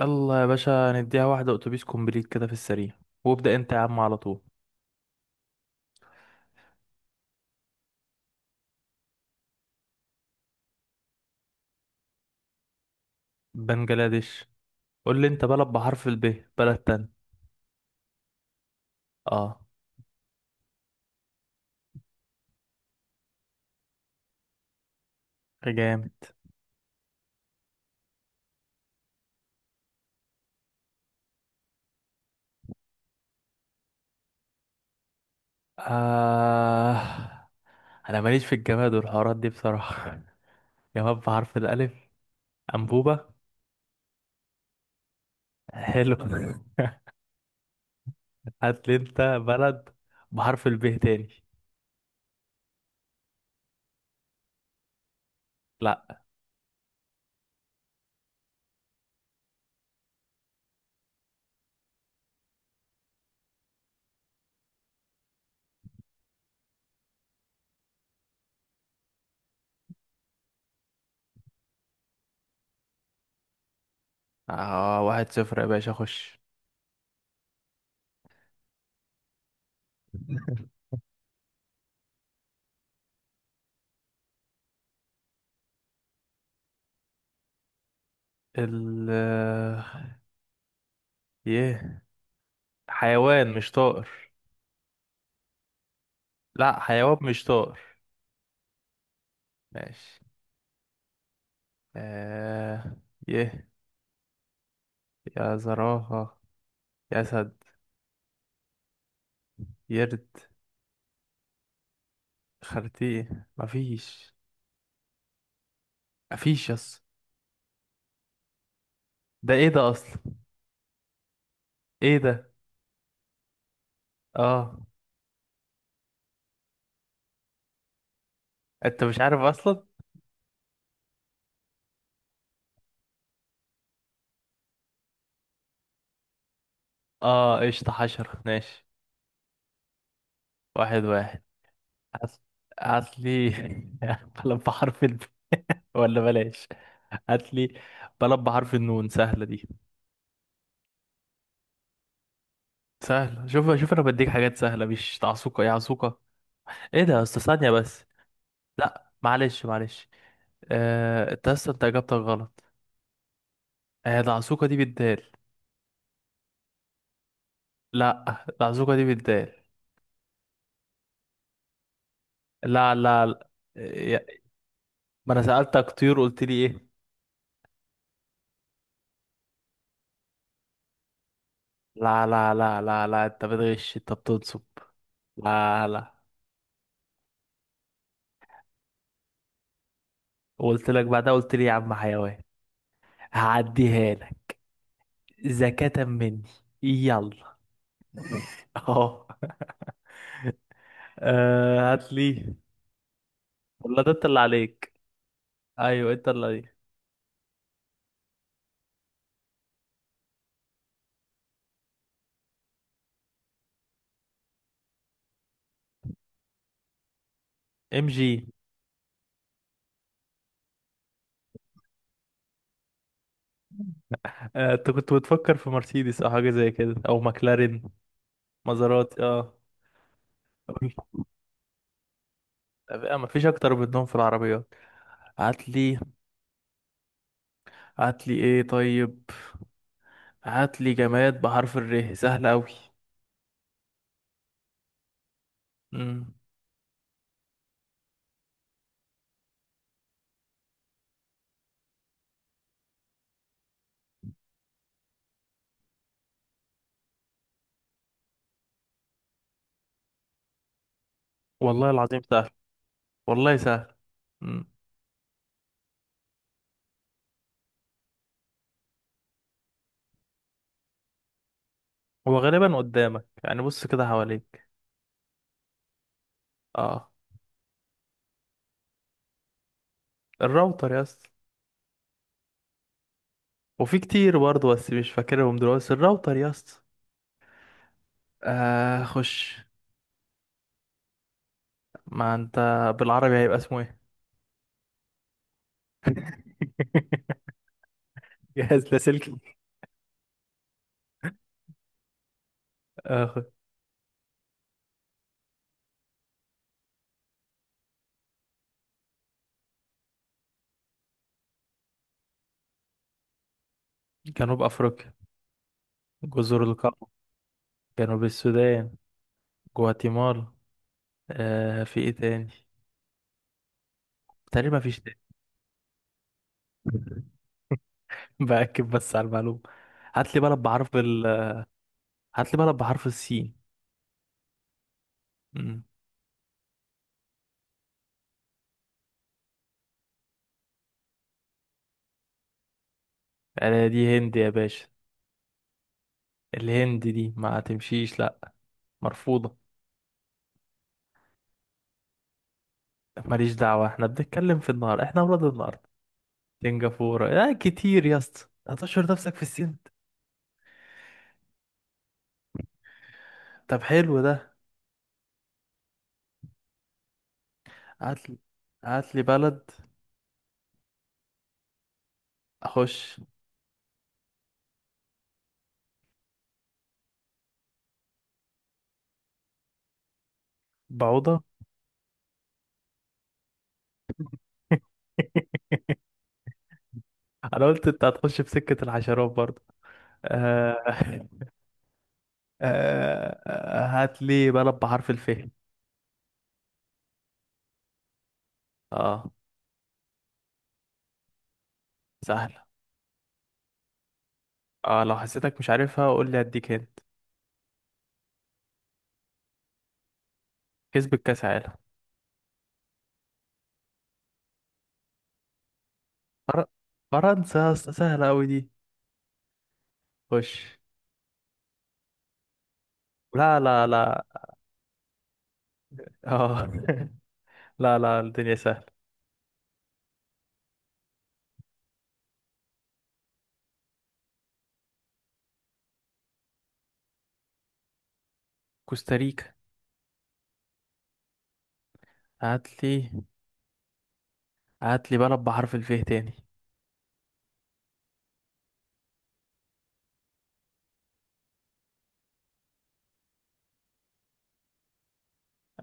يلا يا باشا، نديها واحدة أتوبيس كومبليت كده في السريع، وابدأ أنت يا عم على طول. بنجلاديش. قول لي أنت بلد بحرف ال ب، بلد تاني. آه. جامد. آه، أنا ماليش في الجماد والحوارات دي بصراحة. جماد بحرف الألف. أنبوبة. حلو. هات لي أنت بلد بحرف ال ب تاني. لأ. آه، 1-0 يا باشا، خش. ال يه. حيوان مش طائر. لأ، حيوان مش طائر. ماشي. آه. يه. يا زرافة. أسد. يرد. خرتيه مفيش. مفيش يس. ده ايه ده أصلا؟ ايه ده؟ اه. انت مش عارف أصلا. اه، قشطة حشرة، ماشي. واحد واحد. أصل. أصلي. بلب بحرف ال ولا بلاش. هاتلي. بلب بحرف النون، سهلة دي. سهلة. شوف شوف، أنا بديك حاجات سهلة، مش تعصوقة يا عصوقة. ايه ده يا أسطى؟ ثانية بس. لا، معلش معلش. آه، انت اصلا انت اجابتك غلط. آه، العزوقة دي بالدال. لا، العزوقة دي بالدال. لا لا، لا. يا- ما انا سألتك طيور، قلت لي ايه؟ لا لا لا لا لا، انت بتغش، انت بتنصب. لا لا. وقلت لك بعدها، قلت لي يا عم حيوان. هعديها لك. زكاة مني. يلا. اهو. آه، هات لي. ولا ده انت اللي عليك. ايوه انت اللي عليك. MG. آه، انت كنت بتفكر في مرسيدس او حاجة زي كده او مكلارين. مازراتي، اه. طب إيه، مفيش اكتر منهم في العربيات. هاتلي. هاتلي ايه طيب. هاتلي جماد بحرف الر، سهل اوي. مم. والله العظيم سهل. والله سهل. مم. هو غالبا قدامك، يعني بص كده حواليك. اه الراوتر يا اسطى. وفي كتير برضه بس مش فاكرهم دلوقتي، بس الراوتر يا اسطى. آه خش. ما انت بالعربي هيبقى اسمه ايه؟ جهاز لاسلكي. آه خش. جنوب افريقيا. جزر القمر. جنوب السودان. جواتيمالا. آه، في ايه تاني؟ تقريبا مفيش. تاني. باكد بس على المعلومه. هات لي بلد بحرف ال. هات لي بلد بحرف السين. امم انا دي هند يا باشا. الهند دي ما تمشيش، لا. مرفوضه. ماليش دعوه، احنا بنتكلم في النهار، احنا اولاد النهار. سنغافوره يا كتير يا اسطى، هتشهر نفسك في السين. طب حلو ده. هات لي. هات لي بلد. اخش. بعوضه. انا قلت انت هتخش في سكه الحشرات برضه. آه... هات لي بلد بحرف الف. اه، سهل. اه، لو حسيتك مش عارفها قول لي، اديك هنت. كسبت كاس عالم. فر... فرنسا يا اسطى، سهلة أوي دي. خش. لا لا لا. اه. لا لا، الدنيا سهلة. كوستاريكا. هات لي. هات لي بلد بحرف الفيه تاني.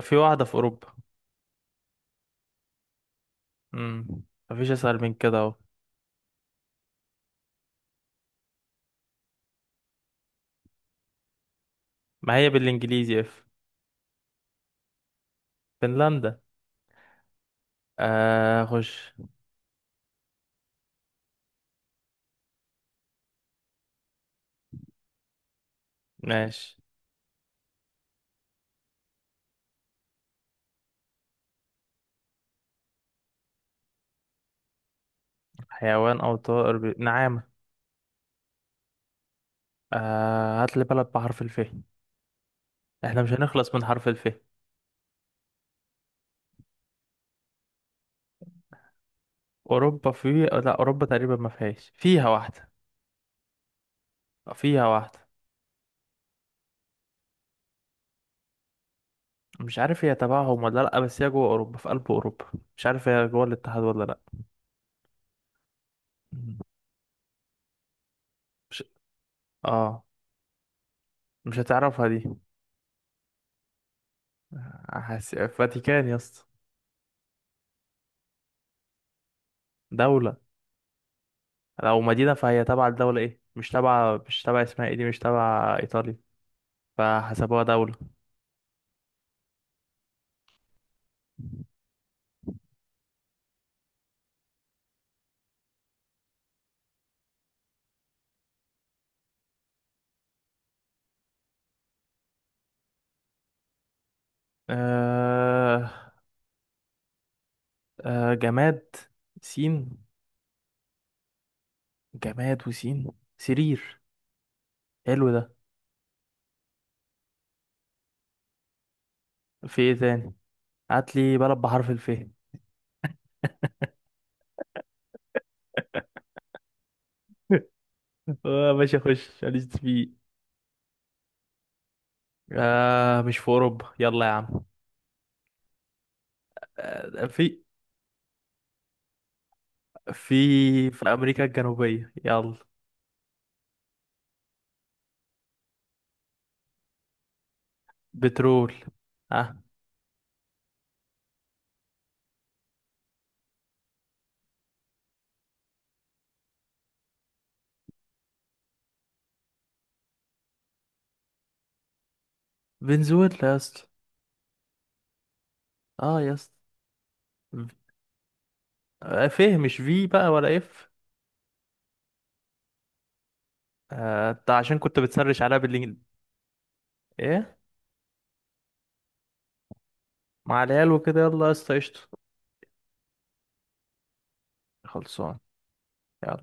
في واحدة في أوروبا. امم مفيش أسهل من كده أهو. ما هي بالإنجليزي F. فنلندا. آه خش. ماشي. حيوان أو طائر، نعامة. آه، هات لي بلد بحرف الفيه. احنا مش هنخلص من حرف الف. اوروبا في، لا، اوروبا تقريبا ما فيهاش، فيها واحده. آه، فيها واحده. مش عارف هي تبعهم ولا لا، بس هي جوه اوروبا، في قلب اوروبا. مش عارف هي جوه الاتحاد ولا لا. مم. مش. اه. مش هتعرفها دي. فاتيكان يا اسطى. دوله. لو مدينه فهي تبع الدوله، ايه مش تبع اسمها ايه دي، مش تبع ايطاليا. فحسبوها دوله. آه... جماد. سين. جماد وسين. سرير. حلو ده. في ايه تاني؟ هات لي بلد بحرف الف. آه، ماشي اخش، ماليش فيه. آه، مش في اوروبا، يلا يا عم. آه، في في امريكا الجنوبية، يلا. بترول. اه. فنزويلا يا اسطى، اه يا اسطى. آه، فيه مش في بقى ولا اف. آه، انت عشان كنت بتسرش عليها بالانجليزي. ايه، مع العيال وكده، يلا يا اسطى، قشطة. خلصان. يلا.